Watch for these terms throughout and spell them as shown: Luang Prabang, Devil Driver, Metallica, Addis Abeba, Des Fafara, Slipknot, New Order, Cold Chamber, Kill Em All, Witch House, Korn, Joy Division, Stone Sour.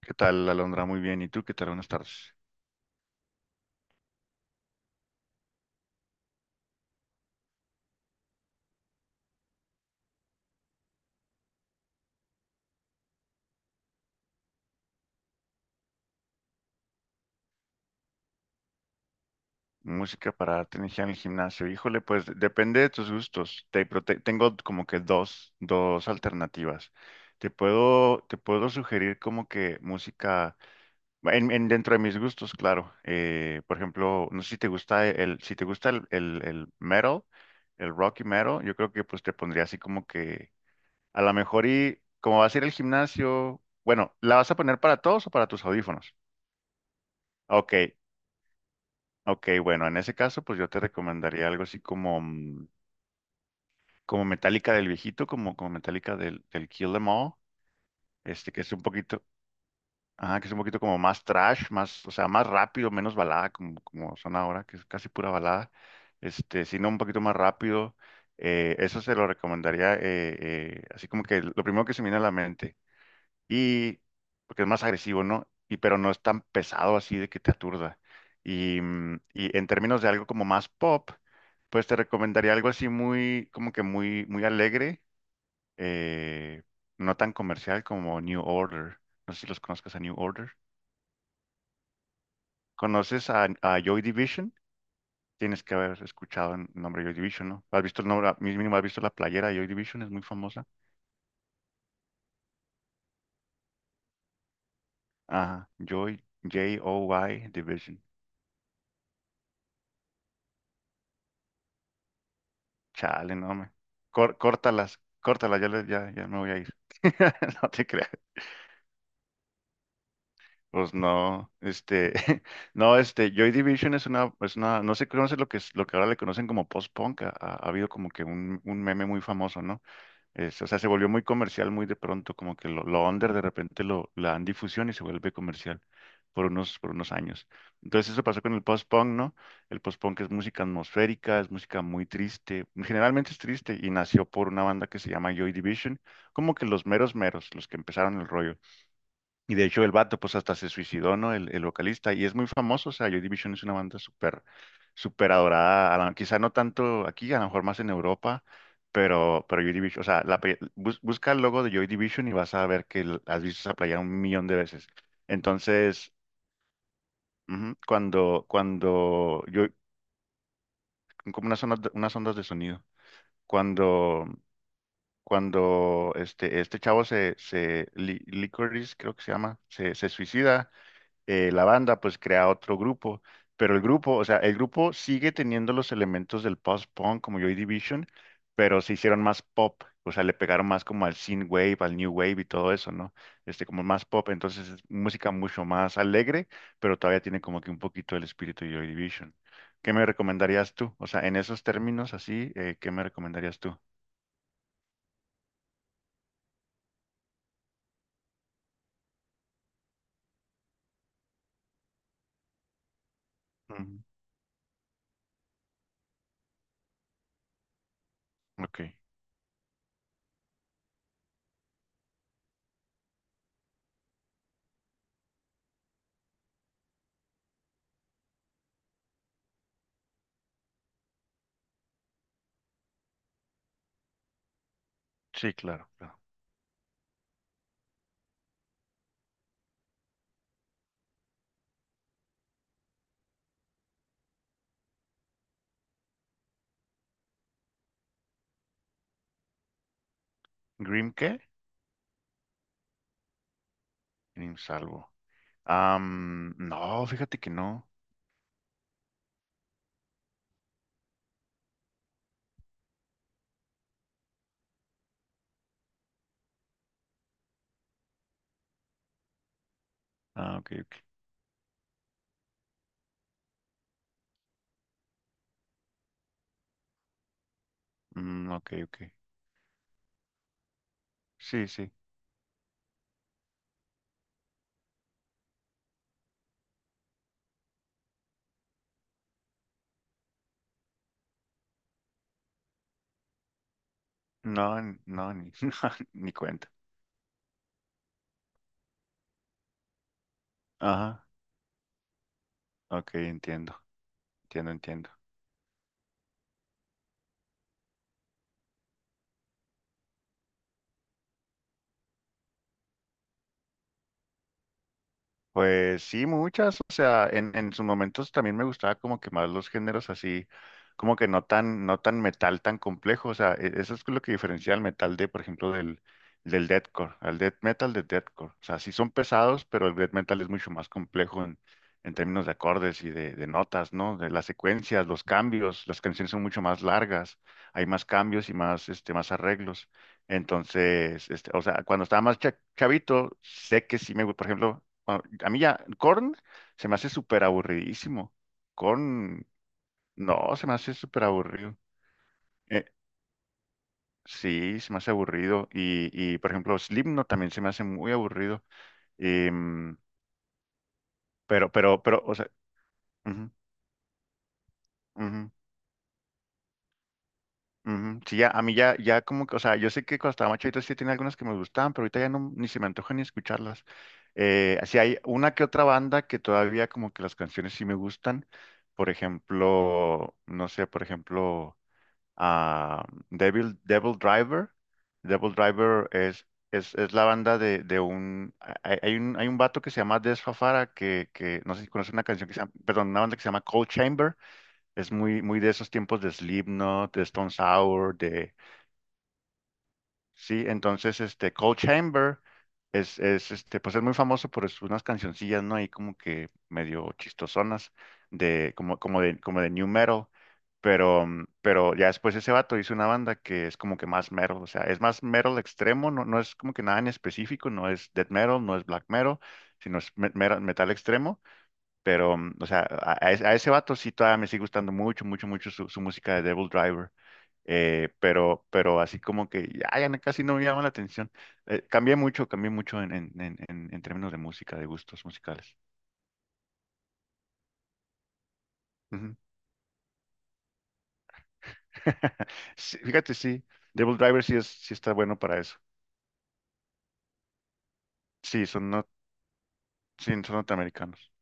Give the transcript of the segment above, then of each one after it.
¿Qué tal, Alondra? Muy bien. ¿Y tú qué tal? Buenas tardes. Música para darte energía en el gimnasio. Híjole, pues depende de tus gustos. Pero tengo como que dos alternativas. Te puedo sugerir como que música dentro de mis gustos, claro. Por ejemplo, no sé si te gusta el metal, el rock y metal. Yo creo que pues te pondría así como que a lo mejor, y como vas a ir al gimnasio, bueno, ¿la vas a poner para todos o para tus audífonos? Ok. Ok, bueno, en ese caso, pues yo te recomendaría algo así como, como Metallica del viejito, como Metallica del Kill Em All, este, que es un poquito, que es un poquito como más trash, más, o sea, más rápido, menos balada, como, como son ahora, que es casi pura balada, este, sino un poquito más rápido. Eso se lo recomendaría. Así como que lo primero que se me viene a la mente. y Porque es más agresivo, ¿no? Y pero no es tan pesado así de que te aturda. Y en términos de algo como más pop, pues te recomendaría algo así muy, como que muy, muy alegre. eh, no tan comercial como New Order. No sé si los conozcas a New Order. ¿Conoces a Joy Division? Tienes que haber escuchado el nombre de Joy Division, ¿no? ¿Has visto el nombre? Mínimo, ¿has visto la playera de Joy Division? Es muy famosa. Ajá, Joy, Joy Division. Chale, no, me. Cor Córtalas, córtalas, ya, ya, ya me voy a ir. No te creas. Pues no, este, no, este, Joy Division es es una, no sé, conoces lo que es, lo que ahora le conocen como post-punk. Ha habido como que un meme muy famoso, ¿no? Es, o sea, se volvió muy comercial muy de pronto, como que lo under de repente la dan difusión y se vuelve comercial por unos años. Entonces eso pasó con el post-punk, ¿no? El post-punk es música atmosférica, es música muy triste, generalmente es triste y nació por una banda que se llama Joy Division, como que los meros meros, los que empezaron el rollo. Y de hecho el vato pues hasta se suicidó, ¿no? El vocalista. Y es muy famoso, o sea, Joy Division es una banda súper, súper adorada. Quizá no tanto aquí, a lo mejor más en Europa, pero Joy Division, o sea, busca el logo de Joy Division y vas a ver que has visto esa playera un millón de veces. Entonces, ujú, como unas ondas, unas ondas de sonido, cuando... Cuando este chavo Li- Licorice, creo que se llama, se suicida. La banda pues crea otro grupo, pero el grupo, o sea, el grupo sigue teniendo los elementos del post-punk como Joy Division, pero se hicieron más pop, o sea, le pegaron más como al synthwave, al new wave y todo eso, ¿no? Este, como más pop, entonces es música mucho más alegre, pero todavía tiene como que un poquito el espíritu de Joy Division. ¿Qué me recomendarías tú? O sea, en esos términos así, ¿qué me recomendarías tú? Ujú. Ok, sí, claro, claro. ¿Grim qué? Grim Salvo. No, fíjate que no. Ah, ok, ok. Mm, ok, ok. Sí, sí. No, no, ni, no, ni cuenta. Ajá, ok, entiendo, entiendo, entiendo. Pues sí, muchas. O sea, en sus momentos también me gustaba como que más los géneros así, como que no tan, no tan metal tan complejo. O sea, eso es lo que diferencia al metal de, por ejemplo, del deathcore, al death metal del deathcore. O sea, sí son pesados, pero el death metal es mucho más complejo en términos de acordes de notas, ¿no? De las secuencias, los cambios, las canciones son mucho más largas, hay más cambios y más, este, más arreglos. Entonces, este, o sea, cuando estaba más chavito, sé que sí me, por ejemplo, a, a mí ya, Korn se me hace súper aburridísimo. Korn, no, se me hace súper aburrido. Eh, sí, se me hace aburrido. Y, por ejemplo, Slipknot también se me hace muy aburrido. Em, pero, o sea, ujú, ujú, ujú. Sí, ya, a mí ya, ya como que, o sea, yo sé que cuando estaba más chavito sí tenía algunas que me gustaban, pero ahorita ya no, ni se me antoja ni escucharlas. Sí hay una que otra banda que todavía como que las canciones sí me gustan. Por ejemplo, no sé, por ejemplo. A Devil Driver. Devil Driver es la banda de un, hay un... Hay un vato que se llama Des Fafara, que no sé si conoce una canción que se llama, perdón, una banda que se llama Cold Chamber. Es muy, muy de esos tiempos de Slipknot, de Stone Sour, de. Sí, entonces este Cold Chamber es este, pues es muy famoso por unas cancioncillas, ¿no? Ahí como que medio chistosonas de como de new metal, pero pero ya después ese vato hizo una banda que es como que más metal, o sea, es más metal extremo, no, no es como que nada en específico, no es death metal, no es black metal, sino es metal extremo, pero, o sea, a ese vato sí todavía me sigue gustando mucho, mucho, mucho su, su música de Devil Driver. Pero así como que ya, casi no me llama la atención. Cambié mucho, cambié mucho en términos de música, de gustos musicales. Ujú. Sí, fíjate, sí, Devil Driver sí, es, sí está bueno para eso. Sí, son, no, sí, son norteamericanos.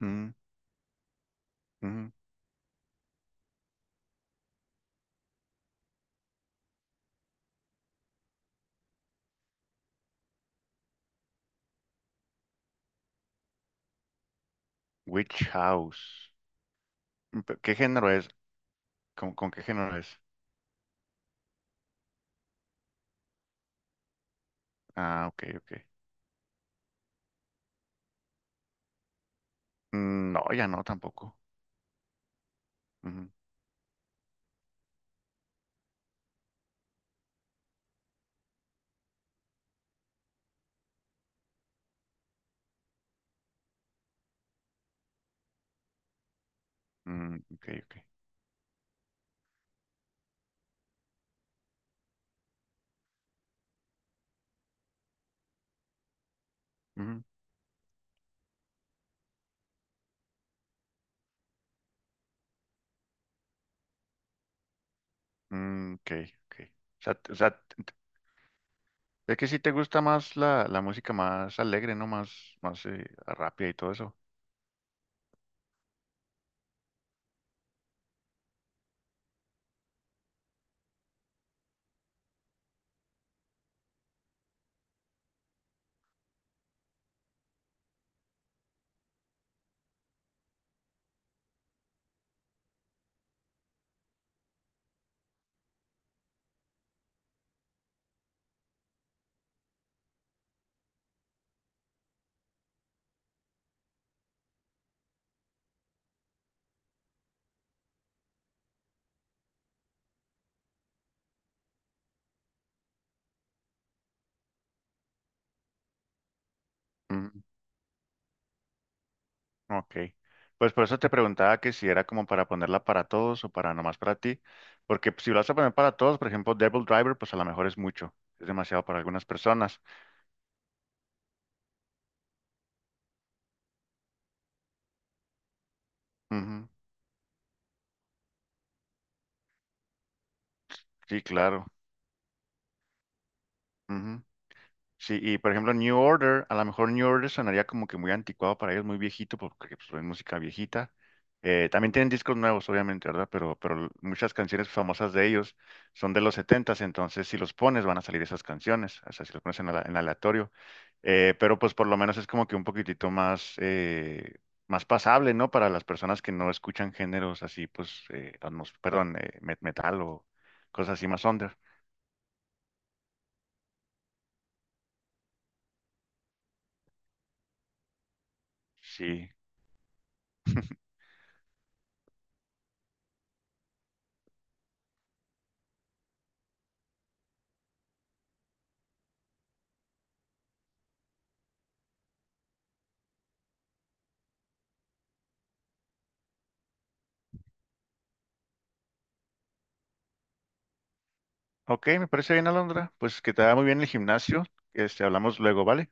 Ujú, ujú. Witch House. Mm, pero ¿qué género es? ¿Con qué género es? Ah, ok, ok. Mm, no, ya no tampoco. Mm, ok, ok. Ujú, mm, ok, ok. O sea, t- o sea, t- t- es que sí te gusta más la música más alegre, ¿no? Más, más rápida y todo eso. Mm, ok. Pues por eso te preguntaba que si era como para ponerla para todos o para nomás para ti. Porque pues, si lo vas a poner para todos, por ejemplo, Devil Driver, pues a lo mejor es mucho. Es demasiado para algunas personas. Ujú. Sí, claro. Ujú. Sí, y por ejemplo New Order, a lo mejor New Order sonaría como que muy anticuado para ellos, muy viejito, porque pues, es música viejita. También tienen discos nuevos, obviamente, ¿verdad? Pero muchas canciones famosas de ellos son de los setentas, entonces si los pones van a salir esas canciones, o sea, si los pones en, en aleatorio. Pero pues por lo menos es como que un poquitito más, más pasable, ¿no? Para las personas que no escuchan géneros así, pues, metal o cosas así más under. Sí. Ok, me parece bien, Alondra. Pues que te vaya muy bien el gimnasio. Este, hablamos luego, ¿vale?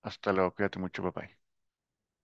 Hasta luego, cuídate mucho, papá.